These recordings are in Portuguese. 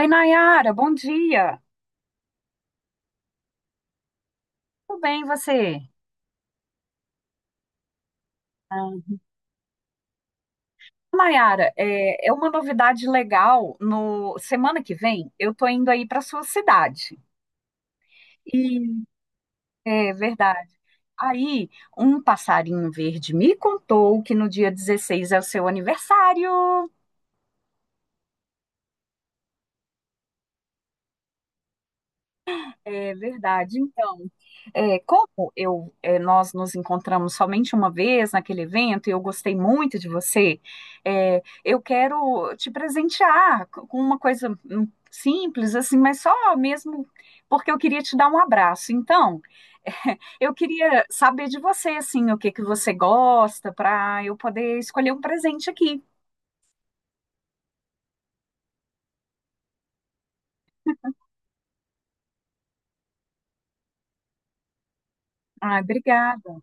Oi, Nayara, bom dia. Tudo bem, e você? Ah, Nayara, é uma novidade legal. No semana que vem, eu tô indo aí para sua cidade. E é verdade. Aí, um passarinho verde me contou que no dia 16 é o seu aniversário. É verdade. Então, nós nos encontramos somente uma vez naquele evento e eu gostei muito de você. Eu quero te presentear com uma coisa simples, assim, mas só mesmo porque eu queria te dar um abraço. Então, eu queria saber de você, assim, o que que você gosta, para eu poder escolher um presente aqui. Ai, obrigada.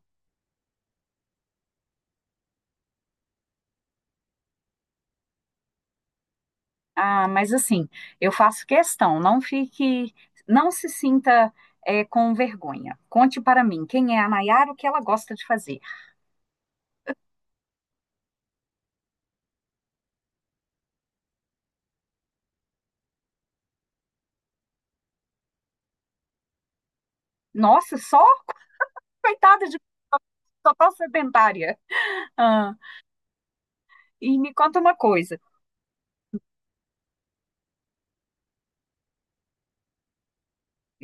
Ah, mas assim, eu faço questão. Não fique, não se sinta com vergonha. Conte para mim quem é a Nayara, o que ela gosta de fazer. Nossa, só coitada de mim, sou tão sedentária. Ah, e me conta uma coisa.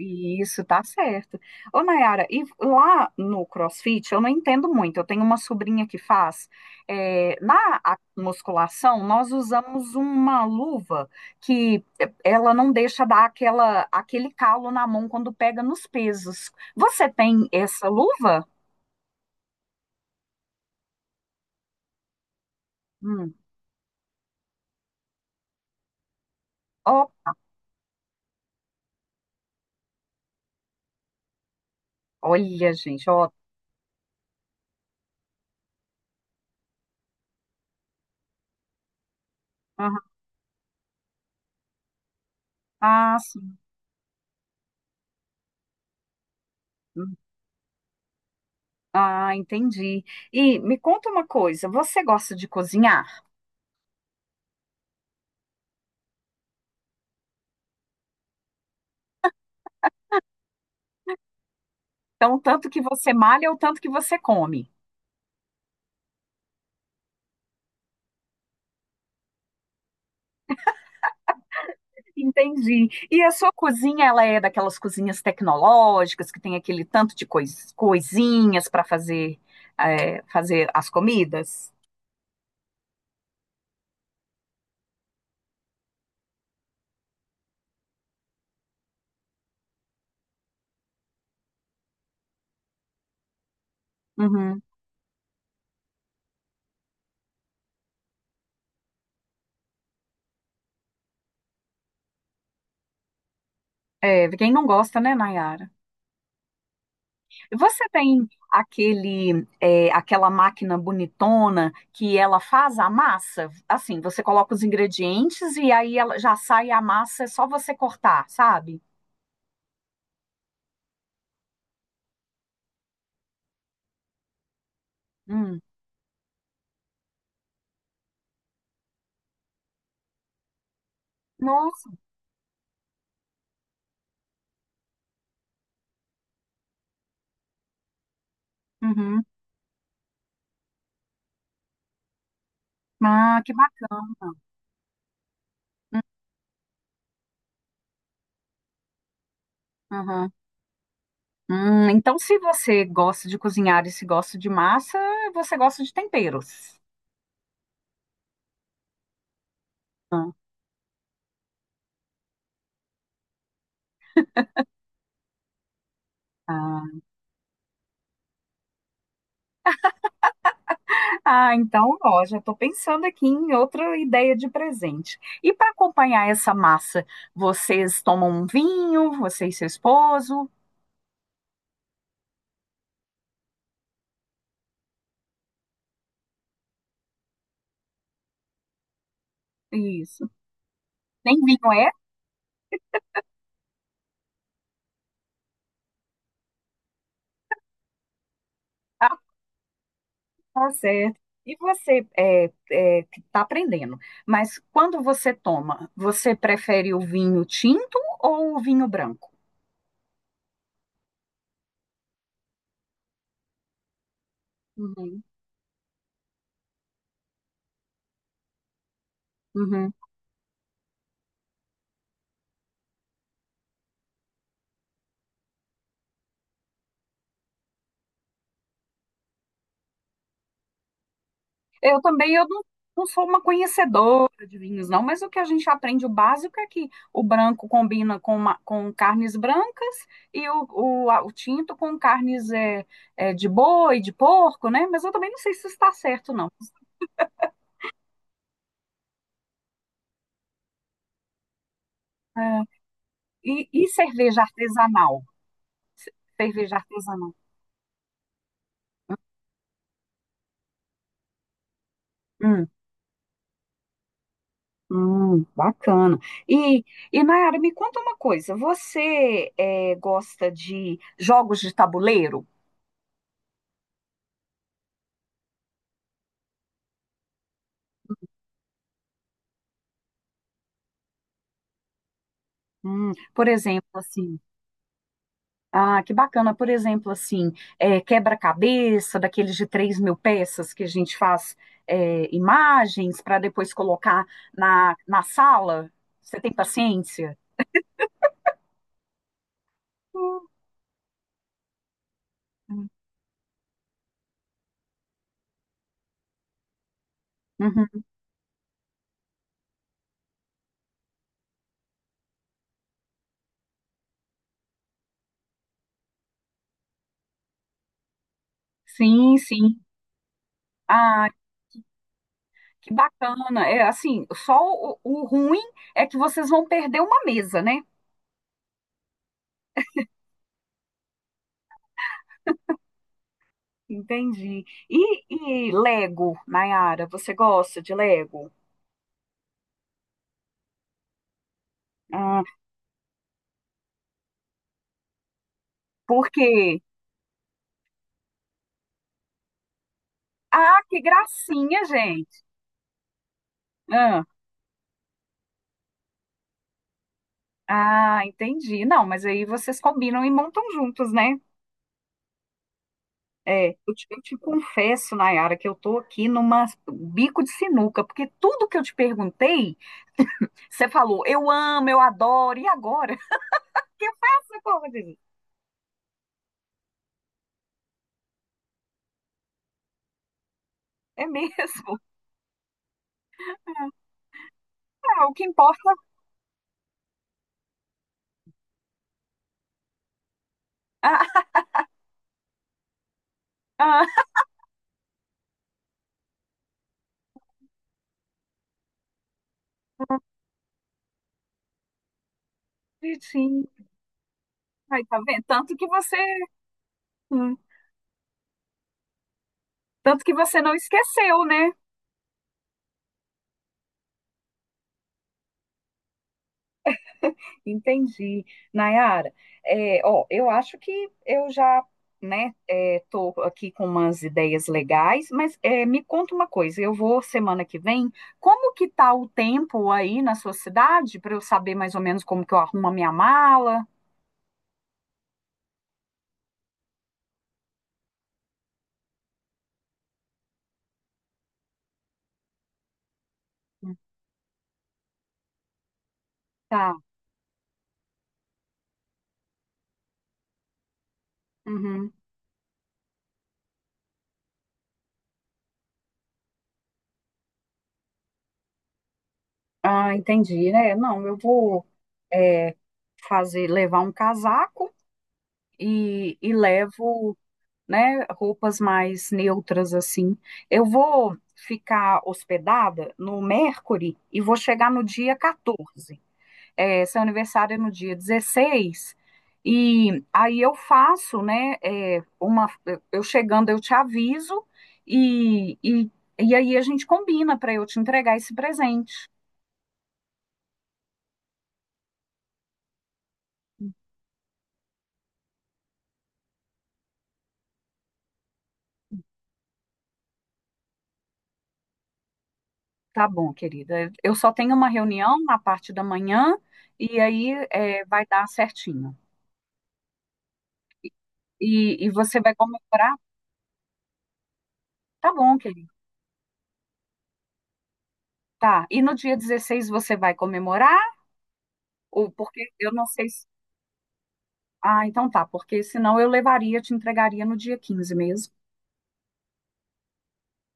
Isso, tá certo. Ô, Nayara, e lá no CrossFit, eu não entendo muito. Eu tenho uma sobrinha que faz. Na musculação, nós usamos uma luva que, ela não deixa dar aquele calo na mão quando pega nos pesos. Você tem essa luva? Hum. Ó, olha, gente, ó. Aham. Ah, sim. Hum. Ah, entendi. E me conta uma coisa, você gosta de cozinhar? Então, tanto que você malha ou tanto que você come? Entendi. E a sua cozinha, ela é daquelas cozinhas tecnológicas que tem aquele tanto de coisinhas para fazer, fazer as comidas? Uhum. É, quem não gosta, né, Nayara? Você tem aquela máquina bonitona que ela faz a massa? Assim, você coloca os ingredientes e aí ela já sai a massa, é só você cortar, sabe? Hum. Nossa. Uhum. Ah, que bacana. Uhum. Então, se você gosta de cozinhar e se gosta de massa, você gosta de temperos. Ah, ah. Ah, então, ó, já estou pensando aqui em outra ideia de presente. E para acompanhar essa massa, vocês tomam um vinho, você e seu esposo? Isso. Tem vinho, é? Ah, tá certo. E você que está aprendendo, mas quando você toma, você prefere o vinho tinto ou o vinho branco? Uhum. Uhum. Eu também, eu não sou uma conhecedora de vinhos, não, mas o que a gente aprende, o básico é que o branco combina com carnes brancas, e o tinto com carnes de boi, de porco, né? Mas eu também não sei se isso está certo, não. É, e cerveja artesanal? Cerveja artesanal. Hum, bacana. E, e, Nayara, me conta uma coisa, você gosta de jogos de tabuleiro? Por exemplo, assim. Ah, que bacana. Por exemplo, assim, quebra-cabeça, daqueles de 3.000 peças que a gente faz, imagens para depois colocar na sala. Você tem paciência? Uhum. Uhum. Sim, sim. Ah, que bacana. É assim, só o ruim é que vocês vão perder uma mesa, né? Entendi. E Lego, Nayara, você gosta de Lego? Ah, por quê? Ah, que gracinha, gente. Ah, entendi. Não, mas aí vocês combinam e montam juntos, né? É, eu te confesso, Nayara, que eu tô aqui numa bico de sinuca, porque tudo que eu te perguntei, você falou, eu amo, eu adoro, e agora? O que eu faço? Eu "Gente, É mesmo? É, o que importa. Ah, ah, bonitinho. Aí, tá vendo? Tanto que você, hum, tanto que você não esqueceu, né? Entendi. Nayara, ó, eu acho que eu já, né, tô aqui com umas ideias legais, mas me conta uma coisa, eu vou semana que vem, como que tá o tempo aí na sua cidade, para eu saber mais ou menos como que eu arrumo a minha mala? Tá. Uhum. Ah, entendi, né? Não, eu vou é, levar um casaco, e levo, né, roupas mais neutras assim. Eu vou ficar hospedada no Mercury e vou chegar no dia 14. É, seu aniversário é no dia 16. E aí eu faço, né, eu chegando eu te aviso, e, e, e aí a gente combina para eu te entregar esse presente. Tá bom, querida. Eu só tenho uma reunião na parte da manhã e aí, vai dar certinho. E você vai comemorar? Tá bom, querido. Tá. E no dia 16 você vai comemorar? Ou porque eu não sei se. Ah, então tá, porque senão eu levaria, te entregaria no dia 15 mesmo.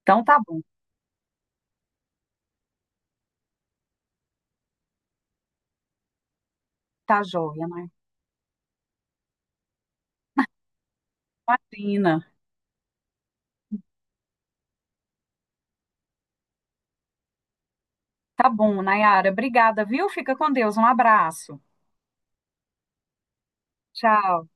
Então tá bom, tá joia, né? Imagina. Tá bom, Nayara. Obrigada, viu? Fica com Deus. Um abraço. Tchau.